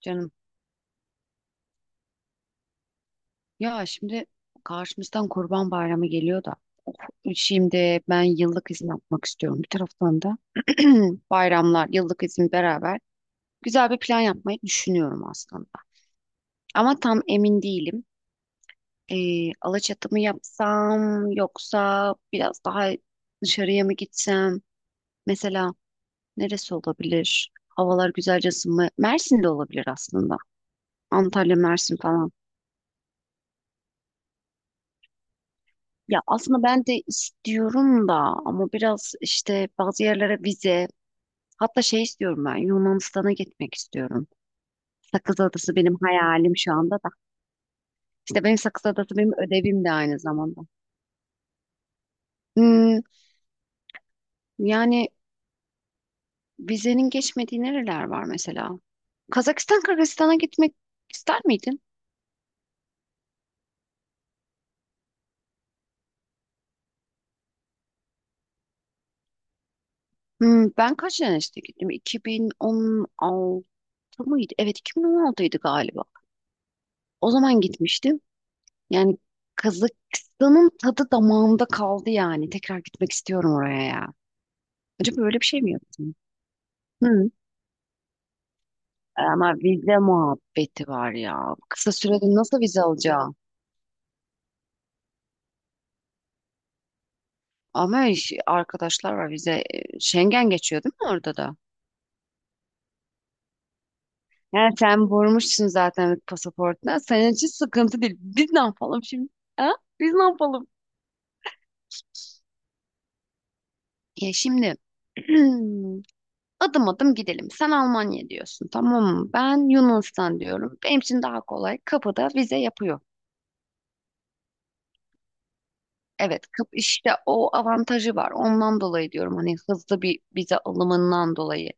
Canım, şimdi karşımızdan Kurban Bayramı geliyor da of, şimdi ben yıllık izin yapmak istiyorum. Bir taraftan da bayramlar, yıllık izin beraber güzel bir plan yapmayı düşünüyorum aslında. Ama tam emin değilim. Alaçatı mı yapsam yoksa biraz daha dışarıya mı gitsem? Mesela neresi olabilir? Havalar güzelce ısınma. Mersin'de olabilir aslında. Antalya, Mersin falan. Ya aslında ben de istiyorum da ama biraz işte bazı yerlere vize, hatta şey istiyorum, ben Yunanistan'a gitmek istiyorum. Sakız Adası benim hayalim şu anda da. İşte benim Sakız Adası benim ödevim de aynı zamanda. Hmm, yani vizenin geçmediği nereler var mesela? Kazakistan, Kırgızistan'a gitmek ister miydin? Hmm, ben kaç sene işte gittim? 2016 mıydı? Evet, 2016'ydı galiba. O zaman gitmiştim. Yani Kazakistan'ın tadı damağımda kaldı yani. Tekrar gitmek istiyorum oraya ya. Acaba öyle bir şey mi yaptım? Hı. Ama vize muhabbeti var ya. Kısa sürede nasıl vize alacağım? Ama arkadaşlar var vize. Schengen geçiyor değil mi orada da? Yani sen vurmuşsun zaten pasaportuna. Senin için sıkıntı değil. Biz ne yapalım şimdi? Ha? Biz ne yapalım? Ya şimdi adım adım gidelim. Sen Almanya diyorsun, tamam mı? Ben Yunanistan diyorum. Benim için daha kolay. Kapıda vize yapıyor. Evet, kap işte o avantajı var. Ondan dolayı diyorum, hani hızlı bir vize alımından dolayı.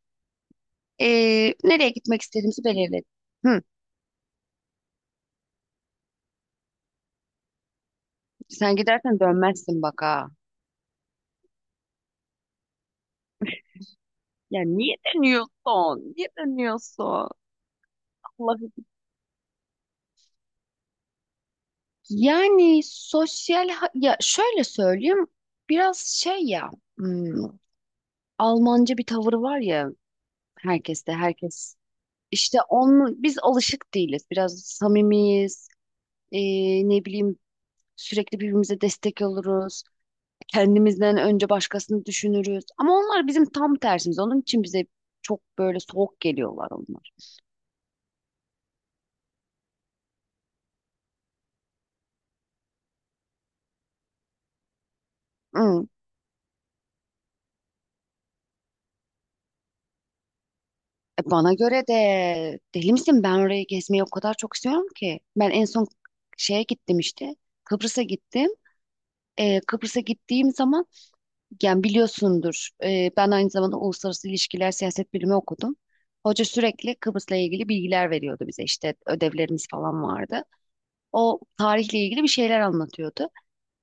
Nereye gitmek istediğimizi belirledik. Hı, sen gidersen dönmezsin bak ha. Ya niye dönüyorsun? Niye dönüyorsun? Allah'ım. Yani ya şöyle söyleyeyim, biraz şey ya, hmm, Almanca bir tavır var ya herkeste, herkes. İşte onun, biz alışık değiliz. Biraz samimiyiz. Ne bileyim, sürekli birbirimize destek oluruz. Kendimizden önce başkasını düşünürüz. Ama onlar bizim tam tersimiz. Onun için bize çok böyle soğuk geliyorlar onlar. Hı. Bana göre de deli misin? Ben orayı gezmeyi o kadar çok istiyorum ki. Ben en son şeye gittim işte. Kıbrıs'a gittim. Kıbrıs'a gittiğim zaman, yani biliyorsundur, ben aynı zamanda uluslararası ilişkiler siyaset bilimi okudum. Hoca sürekli Kıbrıs'la ilgili bilgiler veriyordu bize, işte ödevlerimiz falan vardı. O tarihle ilgili bir şeyler anlatıyordu.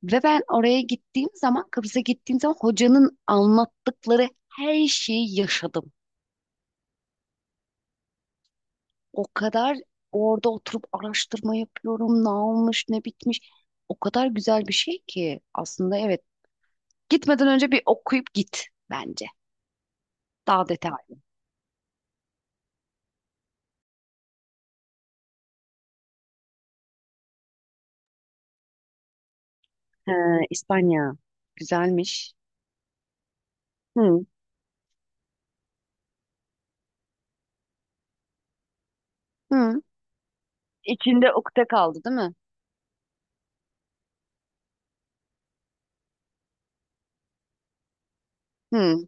Ve ben oraya gittiğim zaman, Kıbrıs'a gittiğim zaman, hocanın anlattıkları her şeyi yaşadım. O kadar orada oturup araştırma yapıyorum, ne olmuş, ne bitmiş. O kadar güzel bir şey ki aslında, evet. Gitmeden önce bir okuyup git bence. Daha detaylı. He, İspanya. Güzelmiş. Hı. Hı. İçinde ukde kaldı değil mi? Hı.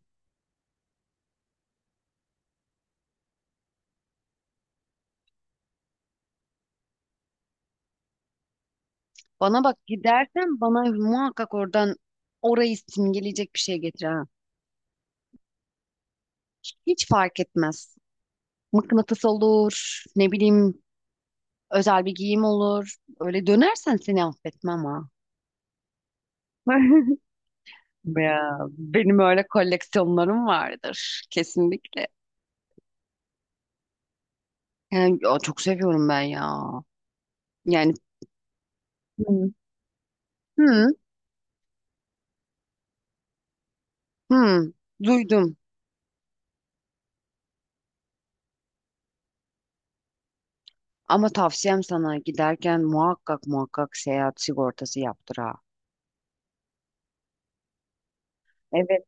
Bana bak, gidersen bana muhakkak oradan orayı simgeleyecek bir şey getir ha. Hiç fark etmez. Mıknatıs olur, ne bileyim özel bir giyim olur. Öyle dönersen seni affetmem ha. Ya, benim öyle koleksiyonlarım vardır kesinlikle. Yani, ya, çok seviyorum ben ya. Yani, hı, hı, hı, duydum. Ama tavsiyem sana, giderken muhakkak muhakkak seyahat sigortası yaptır ha. Evet.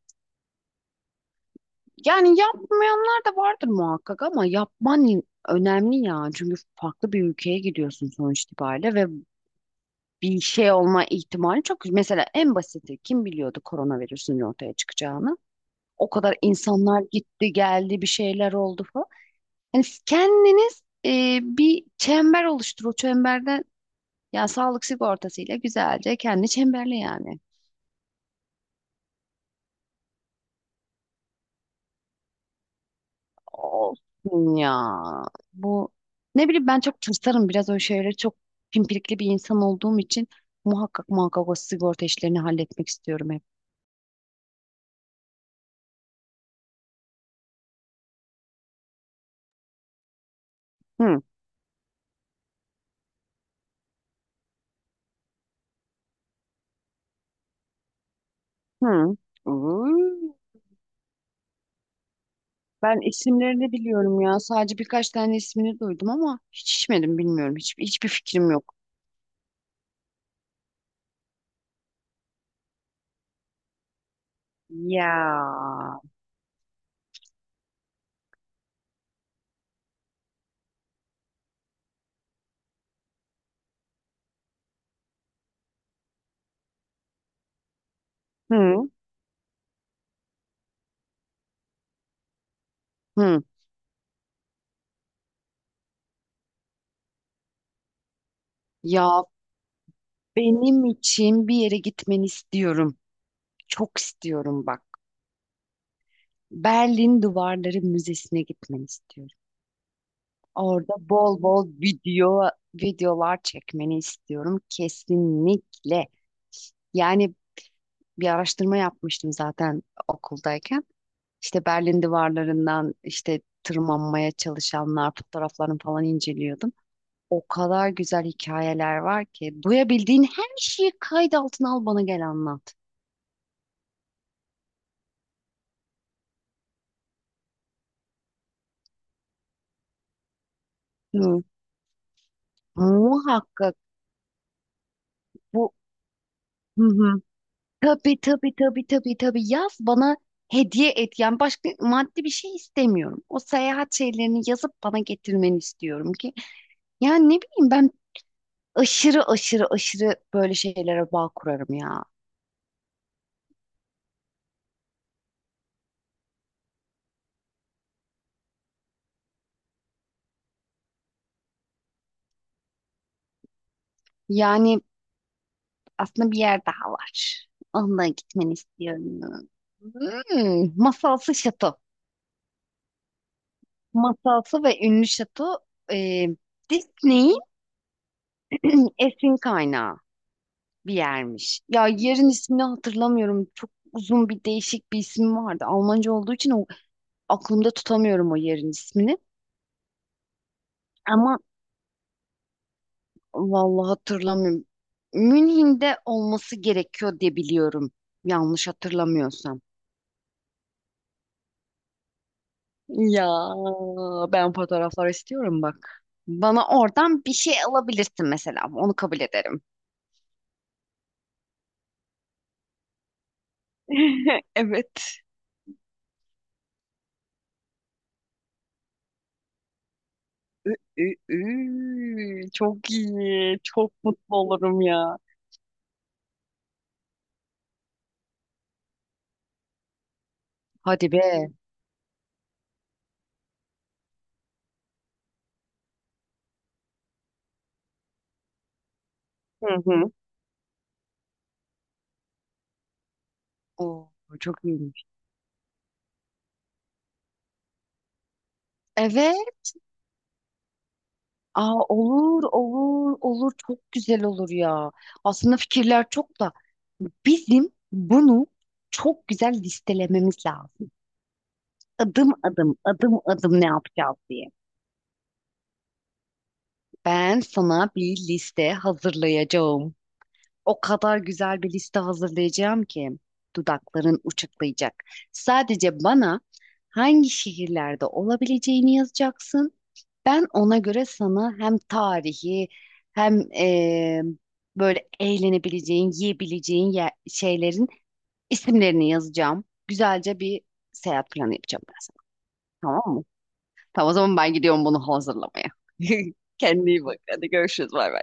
Yani yapmayanlar da vardır muhakkak, ama yapman önemli ya. Çünkü farklı bir ülkeye gidiyorsun sonuç itibariyle ve bir şey olma ihtimali çok. Mesela en basiti, kim biliyordu koronavirüsün ortaya çıkacağını? O kadar insanlar gitti geldi, bir şeyler oldu falan. Yani siz kendiniz bir çember oluştur. O çemberde ya sağlık sigortasıyla güzelce kendi çemberli yani. Olsun ya. Bu, ne bileyim, ben çok tırsarım, biraz o şeyleri, çok pimpirikli bir insan olduğum için muhakkak muhakkak o sigorta işlerini halletmek istiyorum hep. Hı, hı. Uuu. Ben isimlerini biliyorum ya. Sadece birkaç tane ismini duydum ama hiç içmedim, bilmiyorum. Hiç, hiçbir fikrim yok. Ya. Hı. Hı. Ya, benim için bir yere gitmeni istiyorum. Çok istiyorum bak. Berlin Duvarları Müzesi'ne gitmeni istiyorum. Orada bol bol videolar çekmeni istiyorum kesinlikle. Yani bir araştırma yapmıştım zaten okuldayken. İşte Berlin duvarlarından işte tırmanmaya çalışanlar fotoğraflarını falan inceliyordum. O kadar güzel hikayeler var ki duyabildiğin her şeyi kayıt altına al, bana gel anlat. Hı. Muhakkak bu, hı hı. Tabii tabii tabii tabii tabii, yaz bana, hediye et. Yani başka maddi bir şey istemiyorum. O seyahat şeylerini yazıp bana getirmeni istiyorum ki. Yani ne bileyim ben, aşırı aşırı aşırı böyle şeylere bağ kurarım ya. Yani aslında bir yer daha var. Onunla gitmeni istiyorum. Hmm, masalsı şato. Masalsı ve ünlü şato, e, Disney'in esin kaynağı bir yermiş. Ya yerin ismini hatırlamıyorum. Çok uzun bir değişik bir isim vardı. Almanca olduğu için o, aklımda tutamıyorum o yerin ismini. Ama vallahi hatırlamıyorum. Münih'de olması gerekiyor diye biliyorum. Yanlış hatırlamıyorsam. Ya, ben fotoğraflar istiyorum bak. Bana oradan bir şey alabilirsin mesela. Onu kabul ederim. Evet. Ü- ü- ü. Çok iyi. Çok mutlu olurum ya. Hadi be. Hı hı. Oo, çok iyiymiş. Evet. Aa, olur, olur, olur. Çok güzel olur ya. Aslında fikirler çok da, bizim bunu çok güzel listelememiz lazım. Adım adım, adım adım ne yapacağız diye. Ben sana bir liste hazırlayacağım. O kadar güzel bir liste hazırlayacağım ki dudakların uçuklayacak. Sadece bana hangi şehirlerde olabileceğini yazacaksın. Ben ona göre sana hem tarihi hem böyle eğlenebileceğin, yiyebileceğin şeylerin isimlerini yazacağım. Güzelce bir seyahat planı yapacağım ben sana. Tamam mı? Tamam, o zaman ben gidiyorum bunu hazırlamaya. Kendine iyi bak. Hadi görüşürüz. Bay bay.